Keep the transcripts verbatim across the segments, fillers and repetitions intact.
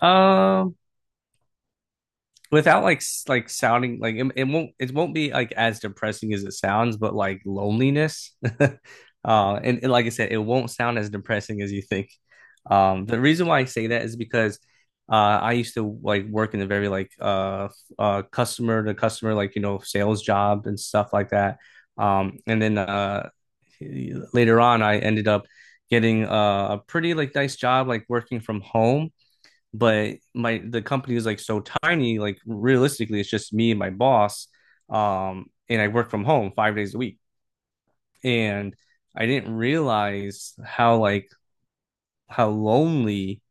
Um, Without like s- like sounding like it, it won't it won't be like as depressing as it sounds, but like loneliness. Uh, and, and like I said, it won't sound as depressing as you think. Um, the reason why I say that is because uh, I used to like work in a very like uh, f- uh customer to customer like you know sales job and stuff like that. Um, and then uh later on, I ended up getting uh, a pretty like nice job like working from home, but my the company is like so tiny, like realistically it's just me and my boss. Um and I work from home five days a week, and I didn't realize how like how lonely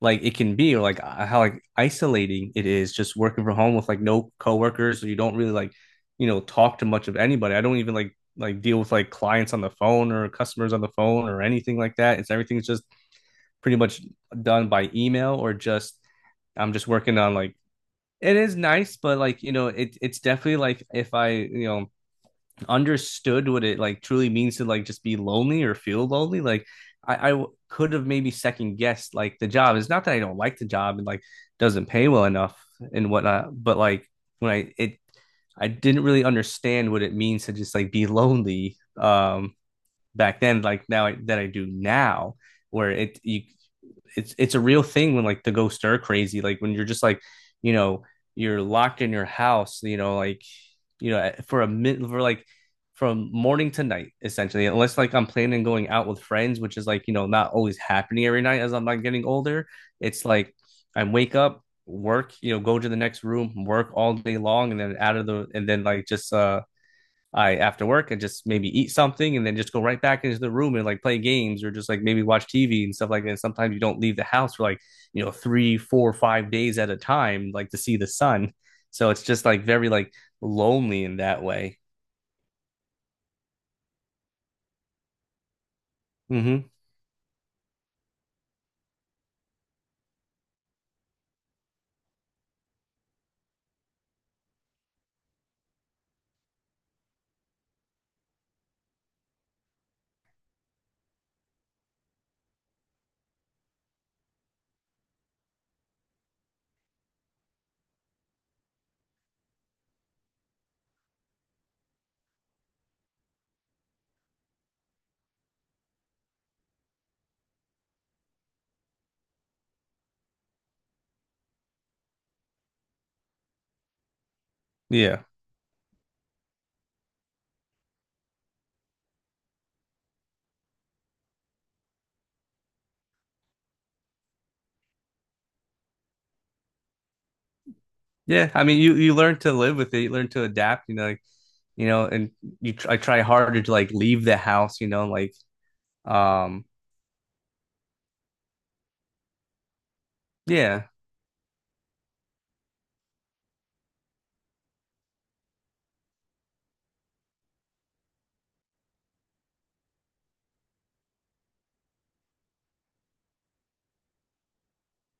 like it can be, or like uh, how like isolating it is just working from home with like no coworkers, so you don't really like you know talk to much of anybody. I don't even like like deal with like clients on the phone or customers on the phone or anything like that. It's everything's just pretty much done by email, or just I'm just working on like it is nice, but like you know, it it's definitely like if I you know understood what it like truly means to like just be lonely or feel lonely, like I I could have maybe second guessed like the job. It's not that I don't like the job and like doesn't pay well enough and whatnot, but like when I it I didn't really understand what it means to just like be lonely. Um back then, like now I, that I do now, where it you it's it's a real thing when like the ghosts stir crazy, like when you're just like you know you're locked in your house, you know like you know for a minute for like from morning to night essentially, unless like I'm planning on going out with friends, which is like you know not always happening every night as I'm like getting older. It's like I wake up, work, you know, go to the next room, work all day long, and then out of the and then like just uh I after work, and just maybe eat something, and then just go right back into the room and like play games, or just like maybe watch T V and stuff like that. And sometimes you don't leave the house for like, you know, three, four, five days at a time, like to see the sun. So it's just like very like lonely in that way. Mm-hmm. Yeah. Yeah, I mean, you, you learn to live with it. You learn to adapt, you know, like, you know, and you, tr- I try harder to like leave the house, you know, like, um, yeah.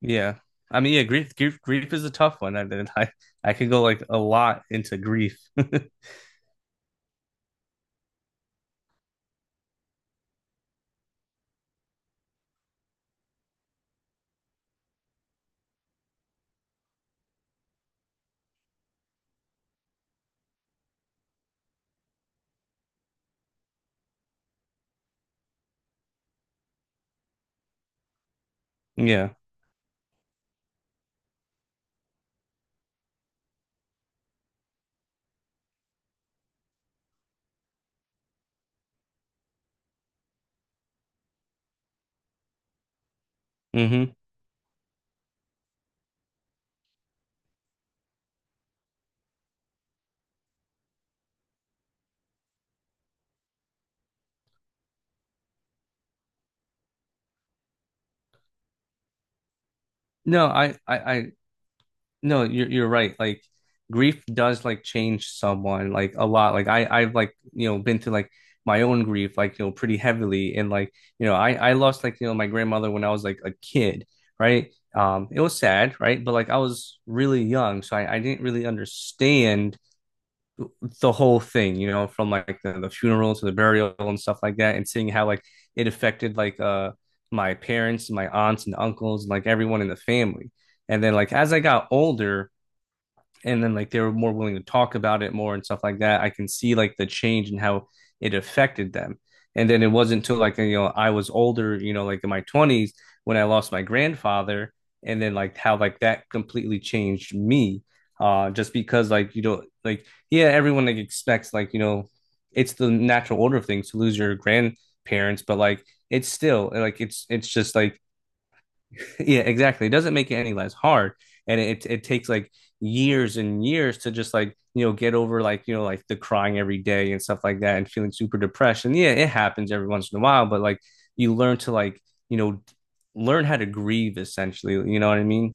Yeah, I mean, yeah, grief, grief, grief is a tough one. I mean, I, I could go like a lot into grief. Yeah. Hmm. No, I, I, I, no, you're, you're right. Like grief does like change someone like a lot. Like I, I've like, you know, been through like my own grief, like, you know, pretty heavily. And like, you know, I, I lost like, you know, my grandmother when I was like a kid, right? Um, it was sad, right? But like I was really young, so I, I didn't really understand the whole thing, you know, from like the, the funeral to the burial and stuff like that, and seeing how like it affected like uh my parents, my aunts and uncles, and like everyone in the family. And then like as I got older, and then like they were more willing to talk about it more and stuff like that. I can see like the change and how it affected them. And then it wasn't until like you know I was older, you know, like in my twenties when I lost my grandfather, and then like how like that completely changed me. Uh, just because like you know like yeah everyone like expects like you know it's the natural order of things to lose your grandparents, but like it's still like it's it's just like yeah, exactly. It doesn't make it any less hard, and it it takes like years and years to just like you know get over like you know like the crying every day and stuff like that, and feeling super depressed. And yeah, it happens every once in a while, but like you learn to like you know learn how to grieve essentially. You know what I mean?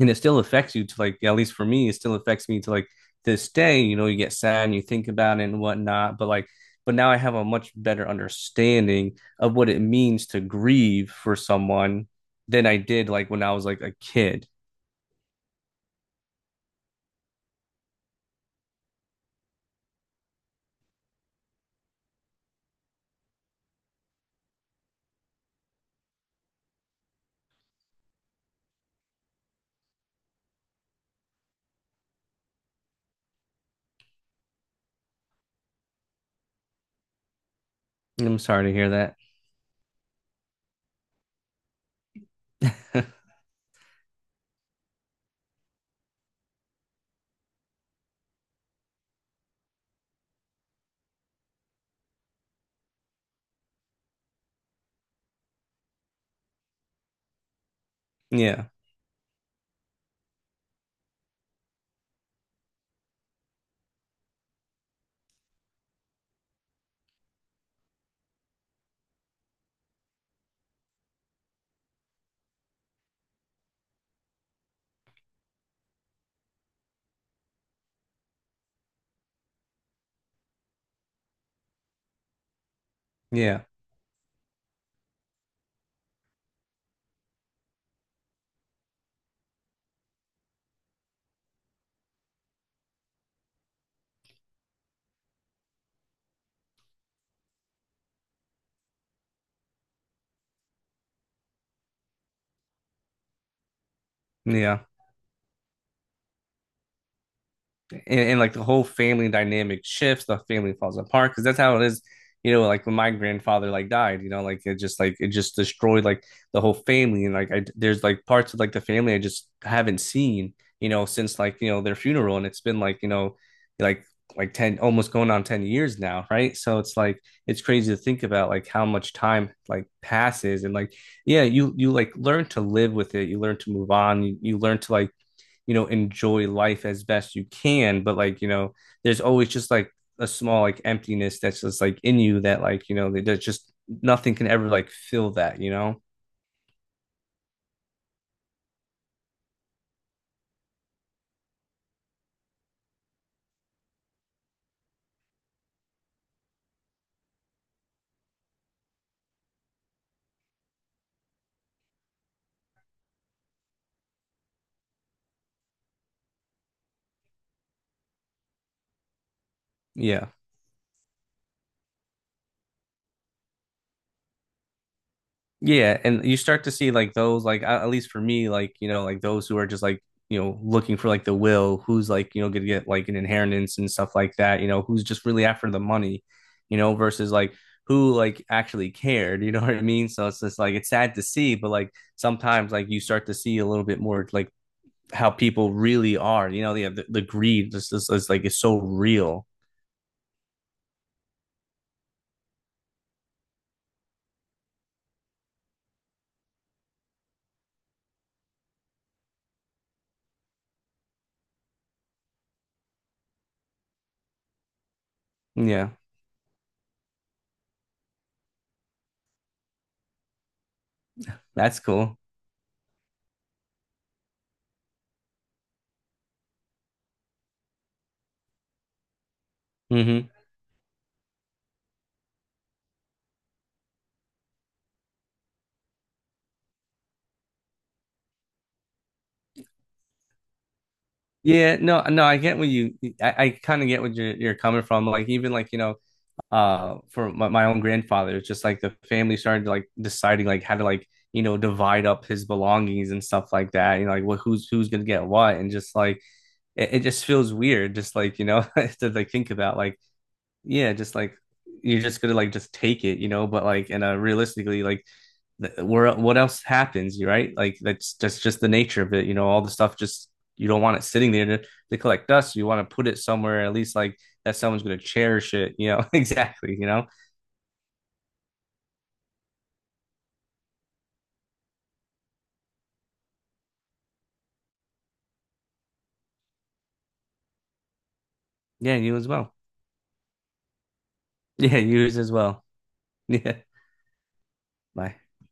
And it still affects you to like, at least for me, it still affects me to like this day, you know, you get sad and you think about it and whatnot, but like but now I have a much better understanding of what it means to grieve for someone than I did like when I was like a kid. I'm sorry to hear that. Yeah, yeah, yeah. And, and like the whole family dynamic shifts, the family falls apart because that's how it is. You know, like when my grandfather like died, you know, like it just like it just destroyed like the whole family, and like I there's like parts of like the family I just haven't seen, you know, since like you know their funeral, and it's been like you know, like like ten almost going on ten years now, right? So it's like it's crazy to think about like how much time like passes, and like yeah you you like learn to live with it, you learn to move on, you, you learn to like, you know, enjoy life as best you can. But like, you know, there's always just like a small like emptiness that's just like in you that like, you know, that just nothing can ever like fill that, you know? Yeah. Yeah, and you start to see like those like at at least for me like you know like those who are just like you know looking for like the will who's like you know gonna get like an inheritance and stuff like that, you know, who's just really after the money, you know, versus like who like actually cared. You know what I mean, so it's just like it's sad to see, but like sometimes like you start to see a little bit more like how people really are, you know. Yeah, the the greed just is, is like it's so real. Yeah. That's cool. Hmm. Yeah, no, no, I get what you, I, I kind of get what you're, you're coming from. Like, even like, you know, uh, for my, my own grandfather, it's just like the family started like deciding like how to like, you know, divide up his belongings and stuff like that. You know, like what, who's, who's gonna get what. And just like, it, it just feels weird, just like, you know, to like think about like, yeah, just like you're just gonna like just take it, you know. But like, and uh, realistically, like, th- where what else happens, right? Like that's that's just the nature of it, you know. All the stuff just you don't want it sitting there to, to collect dust. You want to put it somewhere at least like that someone's gonna cherish it, you know. Exactly, you know. Yeah, you as well. Yeah, you as well. Yeah, bye.